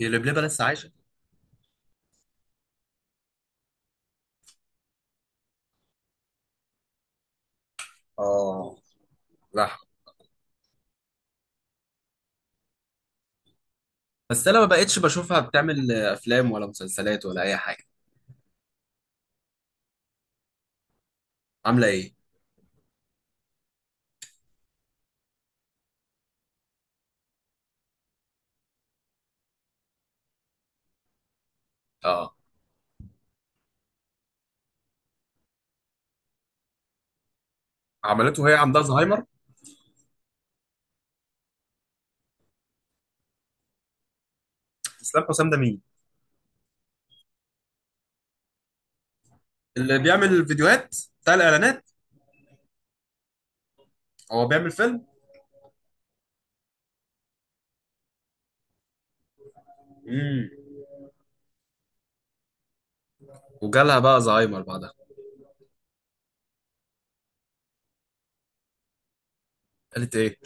هي لبلبة لسه عايشة؟ اه. صح. بس انا ما بقتش بشوفها بتعمل افلام ولا مسلسلات ولا اي حاجة. عاملة ايه؟ اه. عملته وهي عندها زهايمر؟ اسلام حسام ده مين؟ اللي بيعمل الفيديوهات، بتاع الاعلانات. هو بيعمل فيلم؟ امم. وجالها بقى زهايمر بعدها؟ قالت ايه؟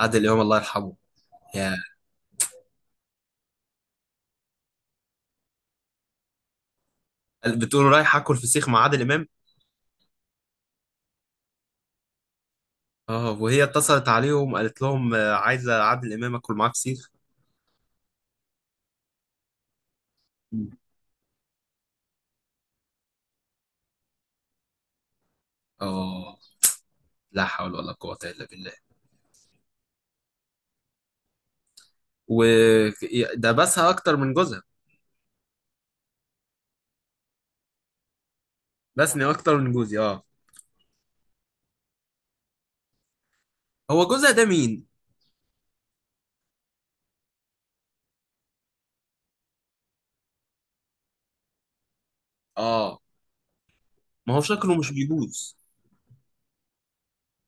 عادل امام الله يرحمه. يا. بتقول رايح اكل فسيخ مع عادل امام؟ اه، وهي اتصلت عليهم قالت لهم عايزه عادل امام اكل معاه فسيخ. مم. اه. لا حول ولا قوه الا بالله. وده بسها اكتر من جوزها. بسني اكتر من جوزي، اه. هو جوزها ده مين؟ اه، ما هو شكله مش بيبوظ.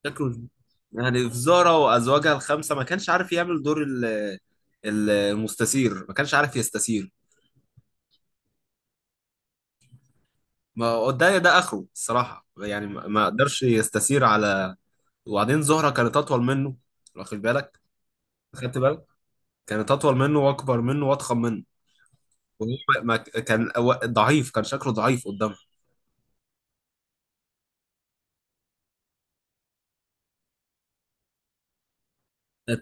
شكله مش بيبوظ. يعني في زارة وازواجها الخمسه ما كانش عارف يعمل دور المستثير، ما كانش عارف يستثير. ما هو ده اخره الصراحه، يعني ما قدرش يستثير على. وبعدين زهره كانت اطول منه، واخد بالك؟ خدت بالك؟ كانت اطول منه واكبر منه واضخم منه. وهو كان ضعيف، كان شكله ضعيف قدامها.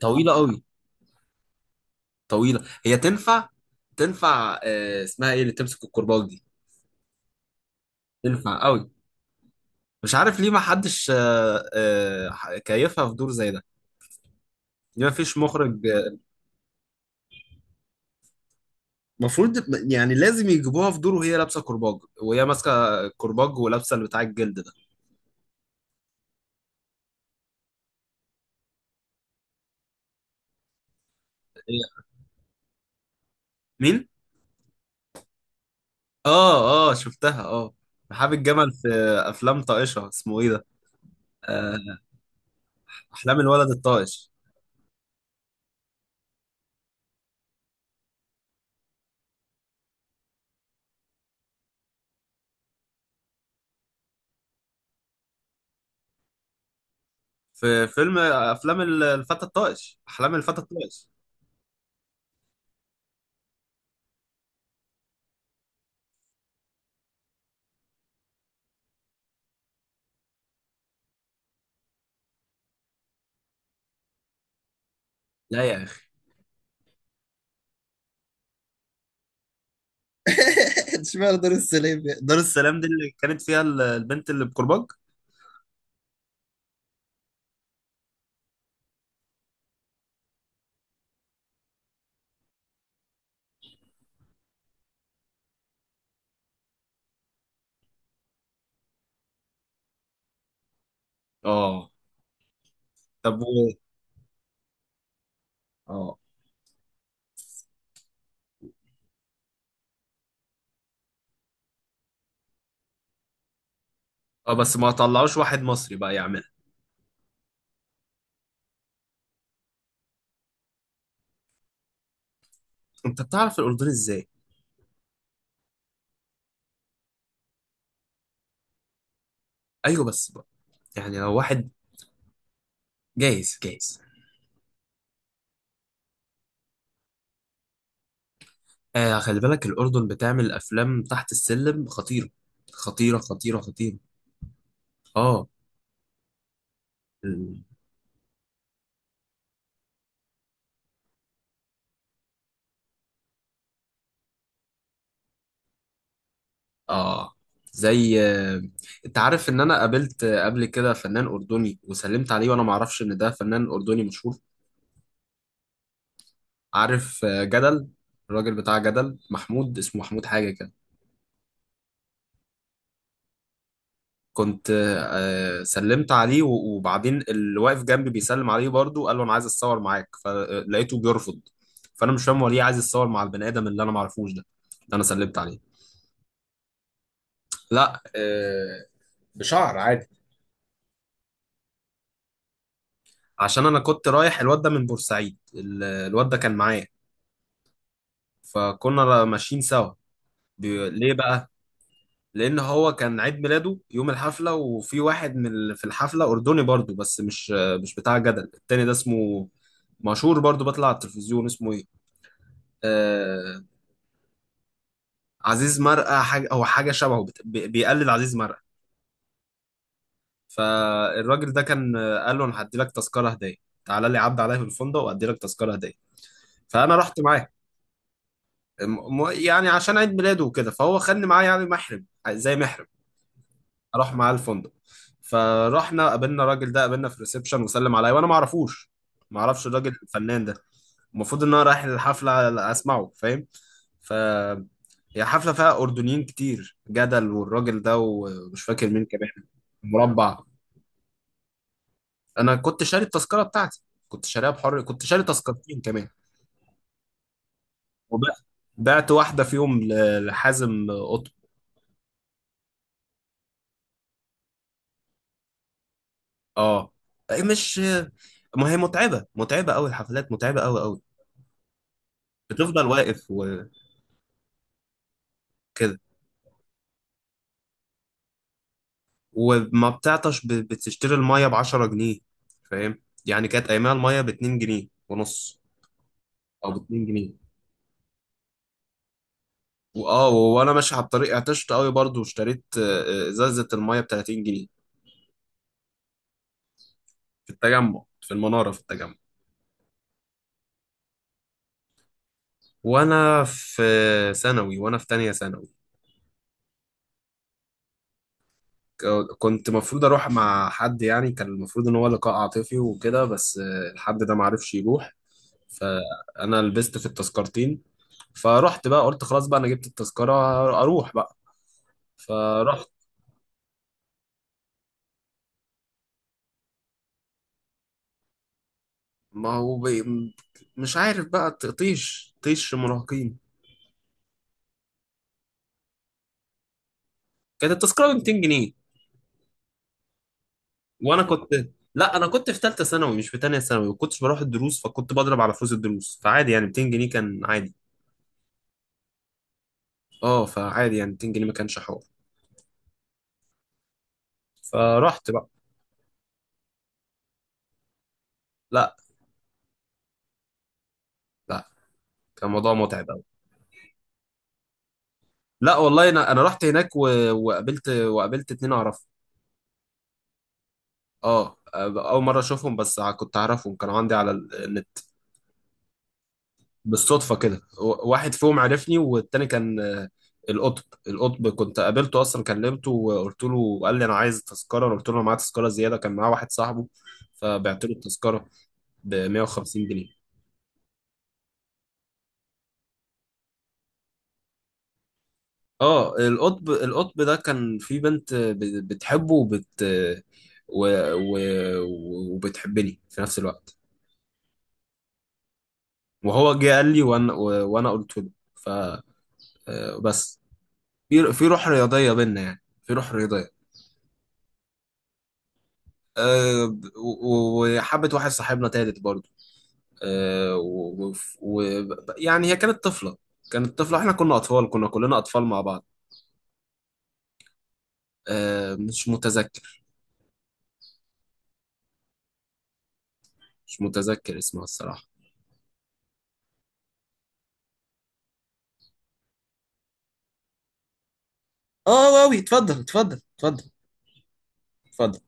طويله قوي. طويله، هي تنفع. تنفع، اسمها ايه اللي تمسك الكرباج دي؟ تنفع قوي. مش عارف ليه ما حدش كيفها في دور زي ده. ليه ما فيش مخرج المفروض يعني لازم يجيبوها في دور وهي لابسه كرباج، وهي ماسكه كرباج ولابسه اللي بتاع الجلد ده. هي- مين؟ اه، اه، شفتها. اه. رحاب الجمل في افلام طائشه، اسمه ايه ده؟ آه، احلام الولد الطائش. في فيلم، افلام الفتى الطائش، احلام الفتى الطائش. لا يا. اشمعنى دار السلام يعني؟ دار السلام دي اللي كانت فيها البنت اللي بكرباج. اه. طب و. اه، اه. بس ما طلعوش واحد مصري بقى يعملها. انت بتعرف الاردن ازاي؟ ايوه، بس بقى يعني لو واحد، جايز جايز. آه، خلي بالك، الاردن بتعمل افلام تحت السلم خطيره. خطيره، خطيره، خطيره. اه. ال- اه، زي انت عارف ان انا قابلت قبل كده فنان اردني وسلمت عليه وانا ما اعرفش ان ده فنان اردني مشهور. عارف جدل، الراجل بتاع جدل، محمود اسمه، محمود حاجة كده. كنت سلمت عليه، وبعدين اللي واقف جنبي بيسلم عليه برضه قال له انا عايز اتصور معاك، فلقيته بيرفض. فانا مش فاهم هو ليه عايز يتصور مع البني ادم اللي انا معرفوش ده، اللي انا سلمت عليه. لا، بشعر عادي. عشان انا كنت رايح، الواد ده من بورسعيد، الواد ده كان معايا، فكنا ماشيين سوا. ليه بقى؟ لان هو كان عيد ميلاده يوم الحفله، وفي واحد من في الحفله اردني برضو بس مش، مش بتاع جدل، التاني ده اسمه مشهور برضو، بطلع على التلفزيون، اسمه ايه، آه. عزيز مرقه حاجه، هو حاجه شبهه، بيقلد عزيز مرقه. فالراجل ده كان، قال له انا هدي لك تذكره هديه، تعالى لي عدى عليا في الفندق وادي لك تذكره هديه. فانا رحت معاه. يعني عشان عيد ميلاده وكده، فهو خدني معاه يعني محرم، زي محرم، اروح معاه الفندق. فرحنا، قابلنا الراجل ده، قابلنا في الريسبشن، وسلم عليا وانا ما اعرفوش. ما اعرفش الراجل الفنان ده، المفروض ان انا رايح الحفله اسمعه، فاهم؟ ف هي حفله فيها اردنيين كتير، جدل والراجل ده، ومش فاكر مين كمان. مربع. انا كنت شاري التذكره بتاعتي، كنت شاريها بحر، كنت شاري تذكرتين كمان. وبعت، بعت واحده فيهم لحازم قطب. اه. إيه، مش. ما هي متعبه، متعبه قوي الحفلات، متعبه قوي قوي. بتفضل واقف كده. وما بتعطش، بتشتري المية ب10 جنيه. فاهم يعني؟ كانت أيامها المية ب2 جنيه ونص، أو ب2 جنيه. وآه، وأنا ماشي على الطريق عطشت قوي برضو، واشتريت إزازة المية ب30 جنيه. في التجمع، في المنارة، في التجمع. وأنا في ثانوي، وأنا في تانية ثانوي. كنت المفروض أروح مع حد، يعني كان المفروض إن هو لقاء عاطفي وكده، بس الحد ده معرفش يروح. فأنا لبست في التذكرتين، فرحت بقى قلت خلاص بقى أنا جبت التذكرة أروح. فرحت. ما هو بي. مش عارف بقى، طيش، طيش مراهقين. كانت التذكرة ب 200 جنيه. وانا كنت، لا، انا كنت في ثالثة ثانوي مش في تانية ثانوي، ما كنتش بروح الدروس فكنت بضرب على فلوس الدروس، فعادي يعني 200 جنيه كان عادي. اه، فعادي يعني 200 جنيه ما كانش حوار. فرحت بقى. لا. لا، كان موضوع متعب قوي. لا. والله، انا رحت هناك و، وقابلت اتنين اعرفهم. اه، اول مرة اشوفهم، بس كنت اعرفهم، كانوا عندي على النت. بالصدفة كده، واحد فيهم عرفني، والتاني كان القطب. كنت قابلته أصلا، كلمته وقلت له، وقال لي أنا عايز تذكرة، أنا قلت له أنا معايا تذكرة زيادة، كان معاه واحد صاحبه. فبعت له التذكرة ب 150 جنيه. اه، القطب، القطب ده كان في بنت بتحبه، وبت، و، و، وبتحبني في نفس الوقت. وهو جه قال لي وأنا، و، وأنا قلت له، فبس، في روح رياضية بينا، يعني في روح رياضية. وحبت واحد صاحبنا تالت برضه. يعني هي كانت طفلة، كانت طفلة، احنا كنا أطفال، كنا كلنا أطفال مع بعض. مش متذكر. مش متذكر اسمها الصراحة. اه، واوي، اتفضل، اتفضل، اتفضل، اتفضل.